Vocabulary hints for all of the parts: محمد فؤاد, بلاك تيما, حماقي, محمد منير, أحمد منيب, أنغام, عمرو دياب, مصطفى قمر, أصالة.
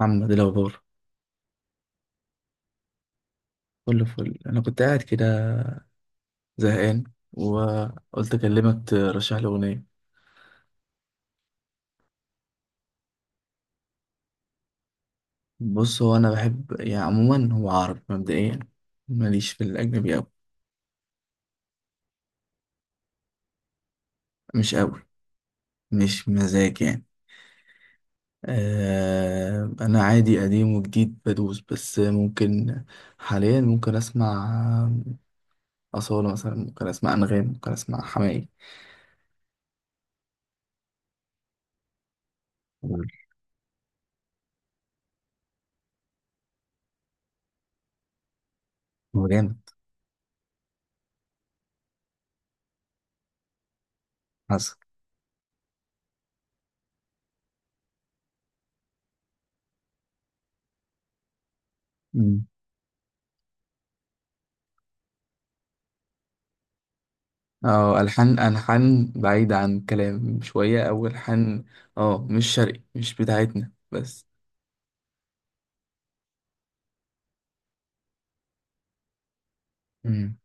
محمد، إيه الأخبار؟ كله فل. أنا كنت قاعد كده زهقان، وقلت أكلمك ترشح لي أغنية. بص، هو أنا بحب يعني عموما هو عربي مبدئيا، ماليش في الأجنبي أوي. مش أوي، مش مزاج يعني. آه أنا عادي، قديم وجديد بدوس، بس ممكن حاليا ممكن أسمع أصالة مثلا، ممكن أسمع أنغام، ممكن أسمع حماقي. هو جامد. حصل. اه ألحان، ألحان بعيدة عن كلام شوية، أو ألحان اه مش شرقي، مش بتاعتنا بس. مم.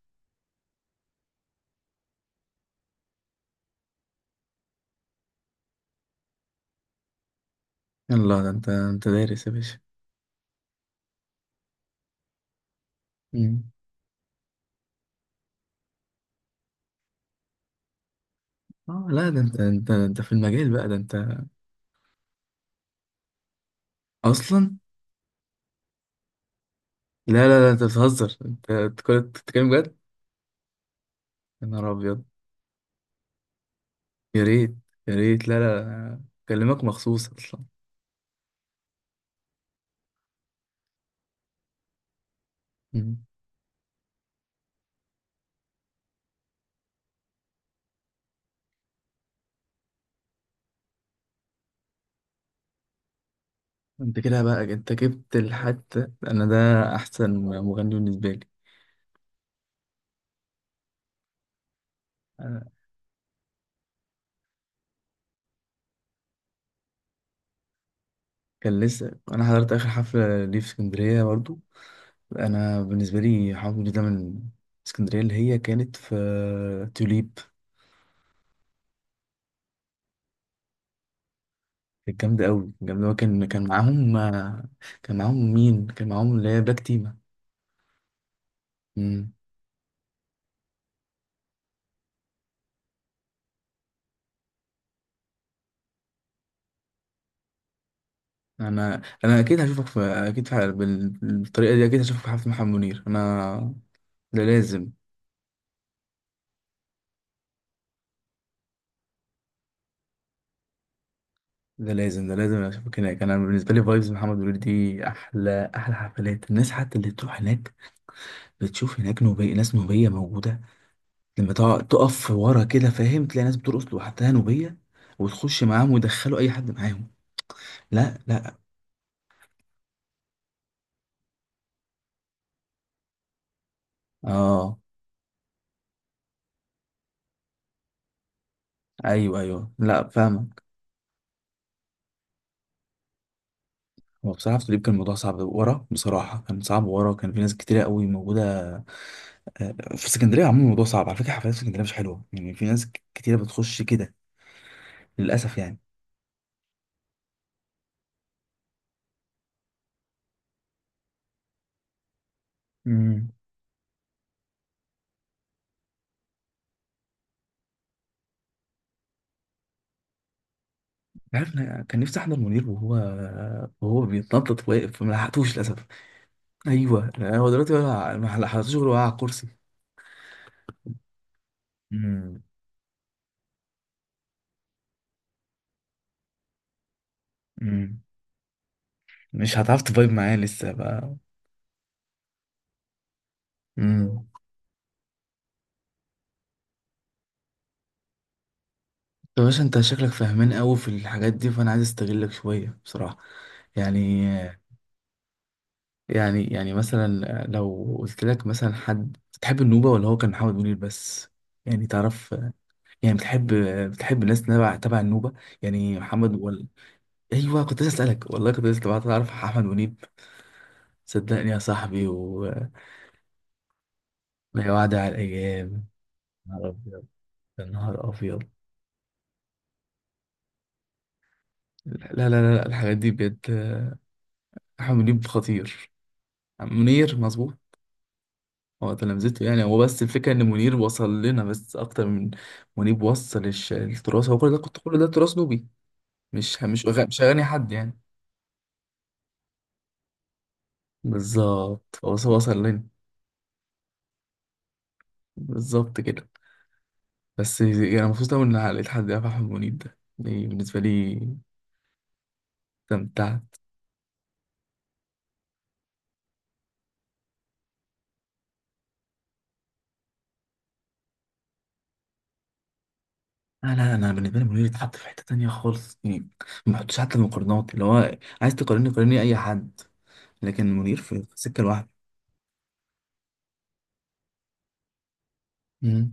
يلا، ده انت دارس يا باشا. مم. اه لا، ده انت في المجال بقى ده، انت أصلا. لا لا لا، انت بتهزر، انت بتتكلم جد. يا نهار أبيض! يا ريت، يا ريت. لا لا لا. بكلمك مخصوص أصلا. مم. انت كده بقى، انت جبت الحتة. أنا ده أحسن مغني بالنسبة لي. أنا كان لسه أنا حضرت آخر حفلة ليه في اسكندرية برضو. انا بالنسبه لي حوضي ده من اسكندريه، اللي هي كانت في توليب. كانت جامده قوي، جامده قوي. كان معاهم، كان معاهم مين؟ كان معاهم اللي هي بلاك تيما. مم. انا اكيد هشوفك، في اكيد في بالطريقه دي، اكيد هشوفك في حفله محمد منير انا. ده لازم، ده لازم، ده لازم اشوفك هناك. انا بالنسبه لي فايبز محمد منير دي احلى، احلى حفلات. الناس حتى اللي بتروح هناك بتشوف هناك نوبيه، ناس نوبيه موجوده. لما تقف ورا كده، فاهم، تلاقي ناس بترقص لوحدها نوبية، وتخش معاهم ويدخلوا أي حد معاهم. لا لا. اه. ايوه ايوه، لا فاهمك. هو بصراحة في الطبيب كان الموضوع صعب ورا، بصراحة كان صعب ورا، كان في ناس كتيرة قوي موجودة. آه، آه، في اسكندرية عموما الموضوع صعب على فكرة، حفلات في اسكندرية مش حلوة يعني، في ناس كتيرة بتخش كده للأسف يعني. امم. عارف، أنا كان نفسي أحضر منير وهو وهو بيتنطط واقف، فما لحقتوش للأسف. أيوه، هو دلوقتي ما لحقتوش غير وقع على الكرسي. امم. مش هتعرف تفايب معايا لسه بقى. امم. طب باشا، انت شكلك فاهمان قوي في الحاجات دي، فانا عايز استغلك شويه بصراحه. يعني، يعني يعني مثلا لو قلت لك مثلا، حد بتحب النوبه ولا هو كان محمد منير بس؟ يعني تعرف، يعني بتحب، بتحب الناس تبع، تبع النوبه يعني، محمد ولا؟ ايوه، كنت لسه اسالك والله، كنت لسه بعت تعرف احمد منيب. صدقني يا صاحبي. وما وعد على الايام. يا نهار ابيض، يا نهار ابيض. لا لا لا، لا الحاجات دي بجد. أحمد منيب خطير. منير مظبوط. هو تلامذته يعني، هو بس الفكرة إن منير وصل لنا، بس أكتر من منيب وصل التراث، هو كل ده كنت، كل ده تراث نوبي، مش أغاني حد يعني. بالظبط، هو بس وصل لنا. بالظبط كده. بس يعني مبسوط أوي إن لقيت حد يعرف أحمد منيب ده، يعني بالنسبة لي. استمتعت. لا لا، أنا بالنسبة لي منير اتحط في حتة تانية خالص يعني، ما بحطش حتى المقارنات. اللي هو عايز تقارني، قارني أي حد، لكن منير في سكة لوحده. مم.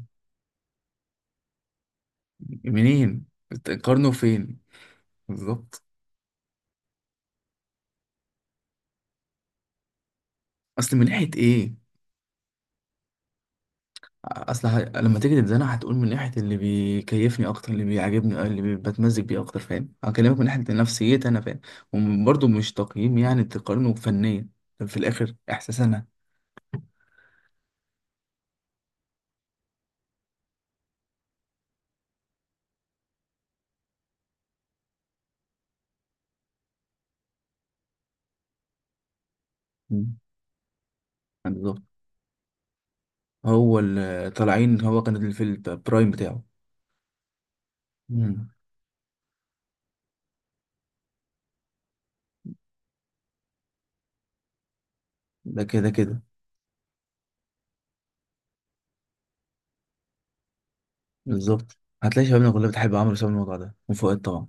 منين؟ قرنه فين؟ بالظبط. اصل من ناحيه ايه؟ اصل لما تيجي تتزنق هتقول من ناحيه اللي بيكيفني اكتر، اللي بيعجبني، آه، اللي بتمزج بيه اكتر، فاهم، هكلمك من ناحيه نفسيتي انا، فاهم. وبرضه مش تقييم يعني تقارنه فنيا، في الاخر احساس انا. مم. بالظبط. هو اللي طالعين، هو كان اللي في البرايم بتاعه. مم. ده كده كده. بالظبط، هتلاقي شبابنا كلها بتحب عمرو بسبب الموضوع ده، وفؤاد طبعا.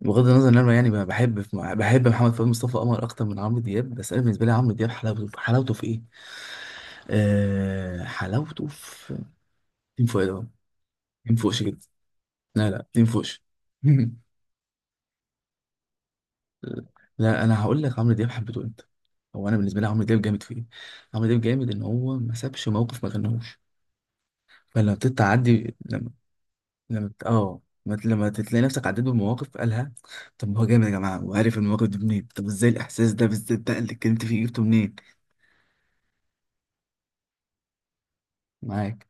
بغض النظر ان انا يعني بحب، بحب محمد فؤاد مصطفى قمر اكتر من عمرو دياب، بس انا بالنسبه لي عمرو دياب حلاوته، حلاوته في ايه؟ آه، حلاوته في، تيم فؤاد اهو، تيم فوقش جدا. لا لا، تيم فوقش. لا انا هقول لك عمرو دياب حبيته انت. هو انا بالنسبه لي عمرو دياب جامد في ايه؟ عمرو دياب جامد ان هو ما سابش موقف ما غناهوش. فلما بتتعدي، لما لما تلاقي نفسك عديت بمواقف قالها، طب ما هو جامد يا جماعه، وعارف المواقف دي منين؟ طب ازاي الاحساس ده بالذات ده اللي اتكلمت فيه جبته منين؟ معاك.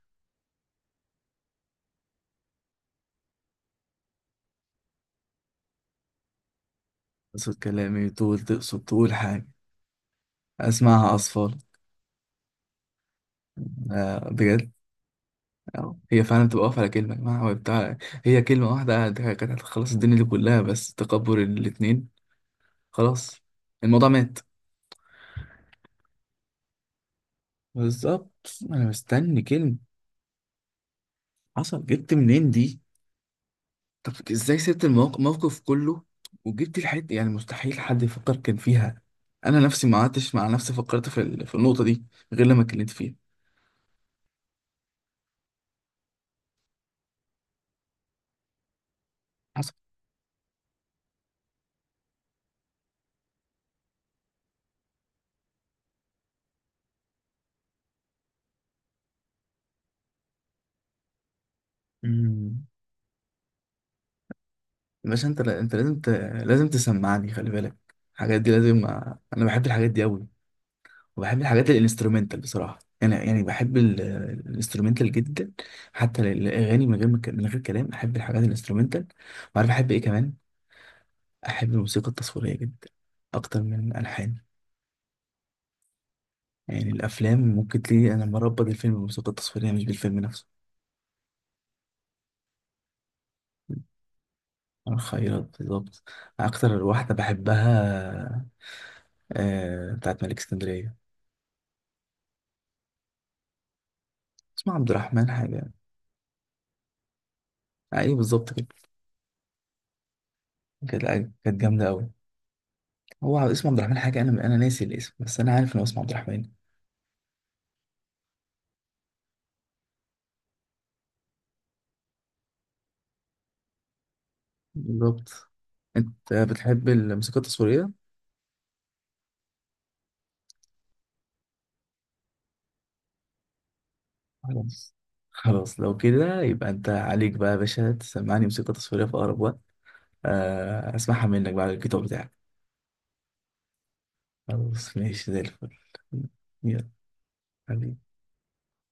تقصد كلامي، تقول، تقصد تقول حاجة. أسمعها أصفار. آه بجد. أهو. هي فعلا بتبقى واقفة على كلمة يا جماعة، هو بتاع، هي كلمة واحدة كانت هتخلص الدنيا دي كلها، بس تكبر الاتنين، خلاص الموضوع مات. بالظبط، أنا مستني كلمة. حصل، جبت منين دي؟ طب إزاي سبت الموقف، الموقف كله، وجبت الحتة؟ يعني مستحيل حد يفكر كان فيها. أنا نفسي ما قعدتش مع نفسي فكرت في، في النقطة دي، غير لما اتكلمت فيها. حصل. مم. باشا، انت لازم لازم تسمعني، خلي بالك. الحاجات دي لازم. انا بحب الحاجات دي قوي، وبحب الحاجات الانسترومنتال بصراحه، انا يعني بحب الانسترومنتال جدا. حتى الاغاني من غير ما من غير كلام، احب الحاجات الانسترومنتال. وعارف احب ايه كمان؟ احب الموسيقى التصويريه جدا، اكتر من الالحان. يعني الافلام ممكن تلاقي انا مربط الفيلم بالموسيقى التصويريه، مش بالفيلم نفسه. الخيرات بالظبط، اكتر واحده بحبها. آه، بتاعت ملك اسكندريه، اسمها عبد الرحمن حاجه. ايوه بالظبط كده. كانت أيوة، كانت جامده قوي. هو اسمه عبد الرحمن حاجه، انا ناسي الاسم، بس انا عارف ان هو اسمه عبد الرحمن. بالظبط. انت بتحب الموسيقى التصويريه. خلاص، خلاص لو كده يبقى انت عليك بقى يا باشا تسمعني موسيقى تصويريه في اقرب وقت. آه، اسمعها منك بقى على الجيتار بتاعك. خلاص، ماشي زي الفل. يلا حبيبي.